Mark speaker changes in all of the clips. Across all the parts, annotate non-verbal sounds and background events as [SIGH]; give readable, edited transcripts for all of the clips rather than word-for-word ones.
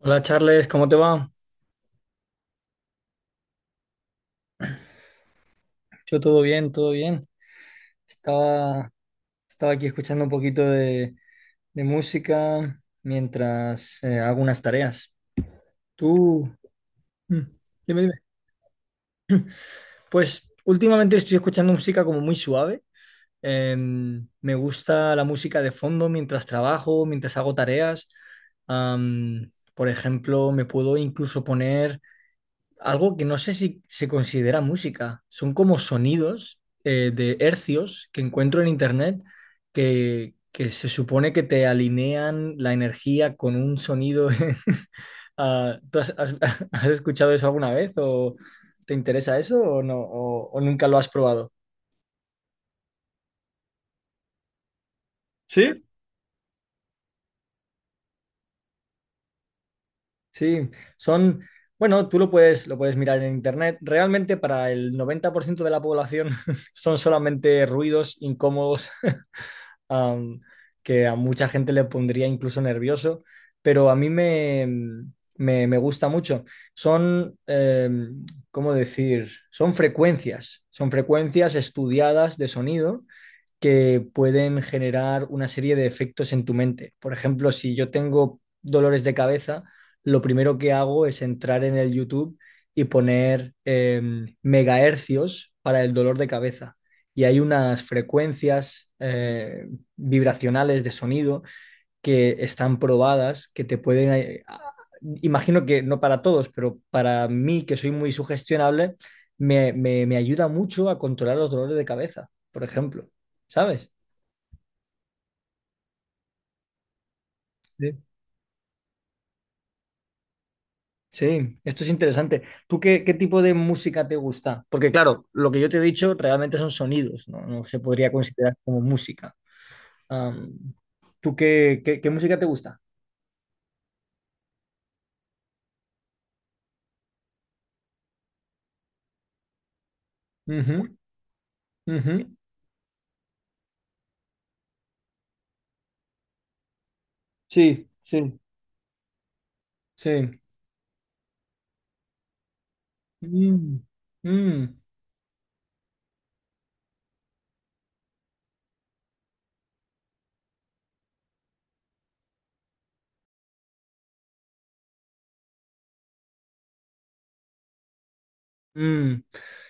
Speaker 1: Hola Charles, ¿cómo te va? Yo todo bien, todo bien. Estaba, estaba aquí escuchando un poquito de música mientras hago unas tareas. Tú, Mm, dime. Pues últimamente estoy escuchando música como muy suave. Me gusta la música de fondo mientras trabajo, mientras hago tareas. Por ejemplo, me puedo incluso poner algo que no sé si se considera música. Son como sonidos de hercios que encuentro en internet que se supone que te alinean la energía con un sonido. [LAUGHS] Ah, ¿tú has, [LAUGHS] has escuchado eso alguna vez o te interesa eso o no o nunca lo has probado? ¿Sí? Sí, son, bueno, tú lo puedes mirar en internet. Realmente para el 90% de la población [LAUGHS] son solamente ruidos incómodos. [LAUGHS] am, que a mucha gente le pondría incluso nervioso, pero a mí me gusta mucho. Son, ¿cómo decir? Son frecuencias estudiadas de sonido que pueden generar una serie de efectos en tu mente. Por ejemplo, si yo tengo dolores de cabeza, lo primero que hago es entrar en el YouTube y poner megahercios para el dolor de cabeza. Y hay unas frecuencias vibracionales de sonido que están probadas, que te pueden... Imagino que no para todos, pero para mí, que soy muy sugestionable, me ayuda mucho a controlar los dolores de cabeza, por ejemplo. ¿Sabes? Sí. Sí, esto es interesante. ¿Tú qué, qué tipo de música te gusta? Porque claro, lo que yo te he dicho realmente son sonidos, no, no se podría considerar como música. Am, ¿Tú qué, qué música te gusta? Ujú, ujú. Sí, sí, sí. Mm, mm. Mm,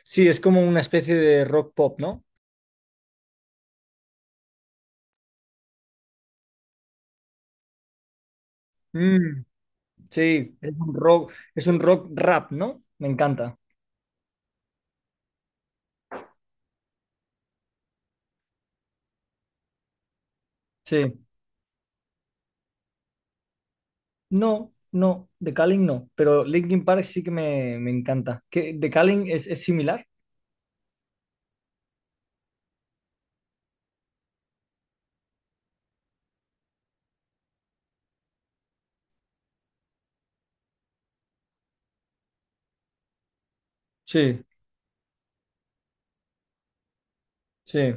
Speaker 1: sí, es como una especie de rock pop, ¿no? Mm, sí, es un rock rap, ¿no? Me encanta. Sí. No, no, The Calling no, pero Linkin Park sí que me encanta. ¿Qué, The Calling es similar? Sí, sí.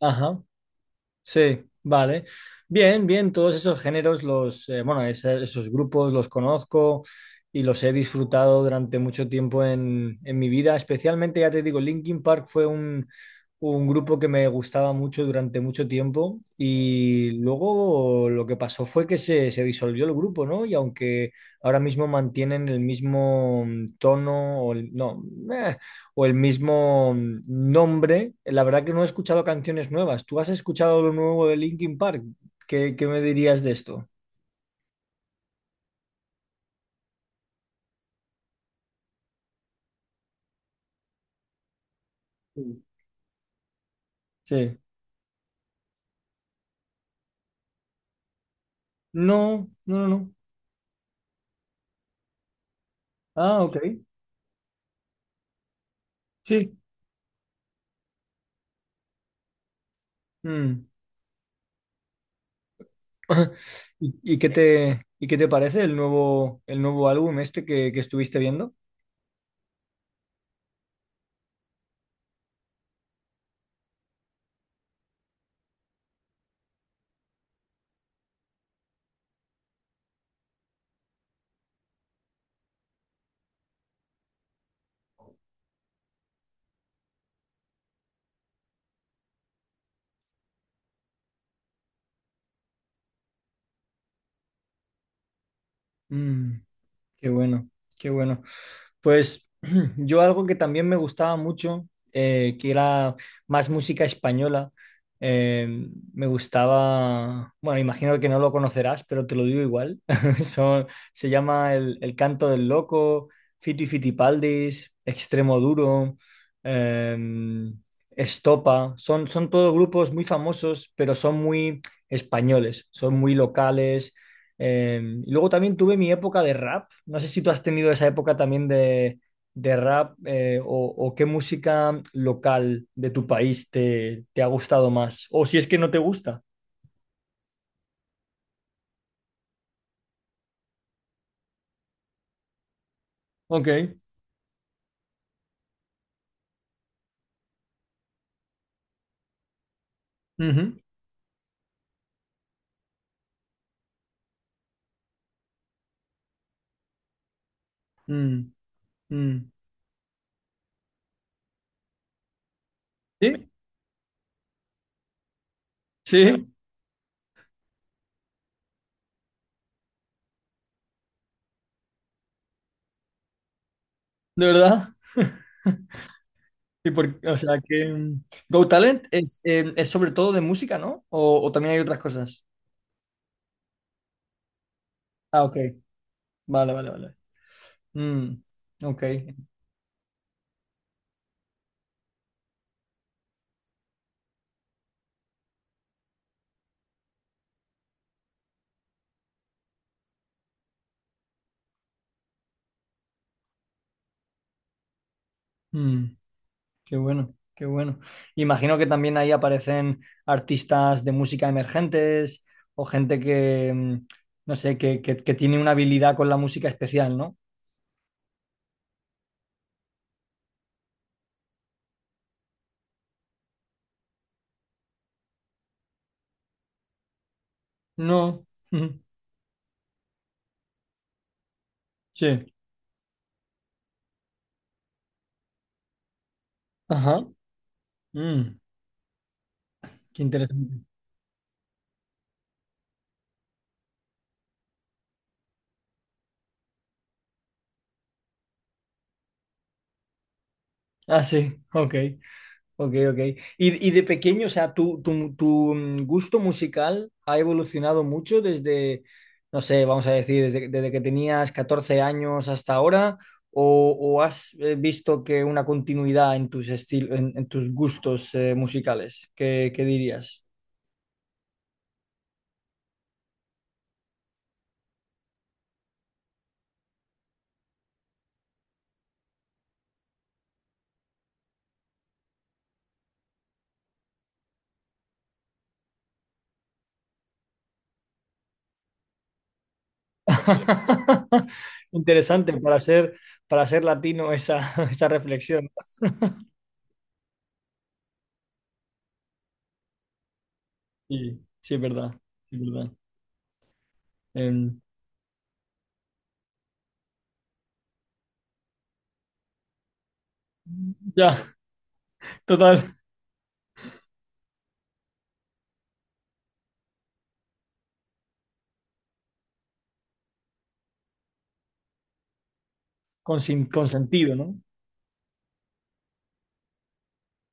Speaker 1: Ajá. Sí, vale. Bien, bien, todos esos géneros, los, bueno, esos grupos los conozco y los he disfrutado durante mucho tiempo en mi vida. Especialmente, ya te digo, Linkin Park fue un grupo que me gustaba mucho durante mucho tiempo y luego lo que pasó fue que se disolvió el grupo, ¿no? Y aunque ahora mismo mantienen el mismo tono, o no, eh, o el mismo nombre. La verdad que no he escuchado canciones nuevas. ¿Tú has escuchado lo nuevo de Linkin Park? ¿Qué, qué me dirías de esto? Sí. Sí. No, no, no, no. Ah, ok. Sí. Mm. [LAUGHS] ¿Y, y qué te parece el nuevo álbum este que estuviste viendo? Mm. Qué bueno, qué bueno. Pues [CLEARS THROAT] yo algo que también me gustaba mucho, que era más música española, eh, me gustaba, bueno, imagino que no lo conocerás, pero te lo digo igual, [LAUGHS] Son- se llama el Canto del Loco, Fito y Fitipaldis, Extremo Duro, eh, Estopa, son, son todos grupos muy famosos, pero son muy españoles, son muy locales y luego también tuve mi época de rap. No sé si tú has tenido esa época también de rap o qué música local de tu país te ha gustado más. O si es que no te gusta. Ok. Ujú. Mm, mm. Sí, sí, de verdad. ¿Y o sea que Go Talent es sobre todo de música, ¿no? O también hay otras cosas? Ah, ok. Vale, vale, vale. Mm, ok. Mm. Qué bueno, qué bueno. Imagino que también ahí aparecen artistas de música emergentes o gente que, no sé, que, que tiene una habilidad con la música especial, ¿no? No. [LAUGHS] Ujú. Sí. Ajá. Mm, qué interesante. Ah, sí, ok. Ok, ok. Y de pequeño, o sea, tu gusto musical ha evolucionado mucho desde, no sé, vamos a decir, desde que tenías 14 años hasta ahora, o has visto que una continuidad en tus estilos, en tus gustos musicales, ¿qué, qué dirías? [LAUGHS] Interesante para ser latino esa, [LAUGHS] esa reflexión. Sí, sí, es verdad, sí, es verdad. Em, ya, total, con, con sentido, ¿no?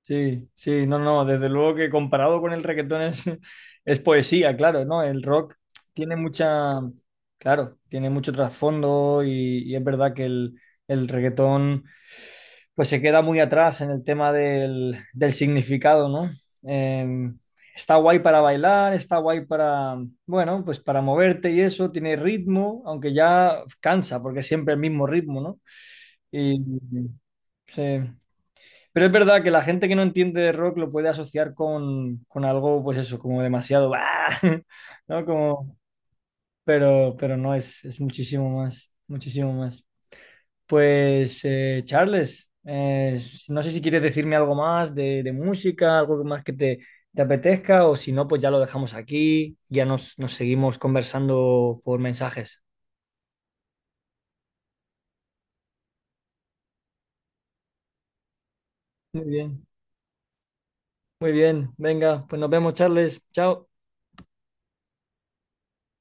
Speaker 1: Sí, sí, no, no, desde luego que comparado con el reggaetón es, [LAUGHS] es poesía, claro, ¿no? El rock tiene mucha, claro, tiene mucho trasfondo y es verdad que el reggaetón pues se queda muy atrás en el tema del, del significado, ¿no? Eh, está guay para bailar, está guay para, bueno, pues para moverte y eso, tiene ritmo, aunque ya cansa porque es siempre el mismo ritmo, ¿no? Y sí, pero es verdad que la gente que no entiende de rock lo puede asociar con algo, pues eso, como demasiado, ¡ah! [LAUGHS] ¿no? Como, pero no, es muchísimo más, muchísimo más. Pues, Charles, no sé si quieres decirme algo más de música, algo más que te apetezca, o si no, pues ya lo dejamos aquí, ya nos seguimos conversando por mensajes. Muy bien, muy bien, venga, pues nos vemos, Charles, chao.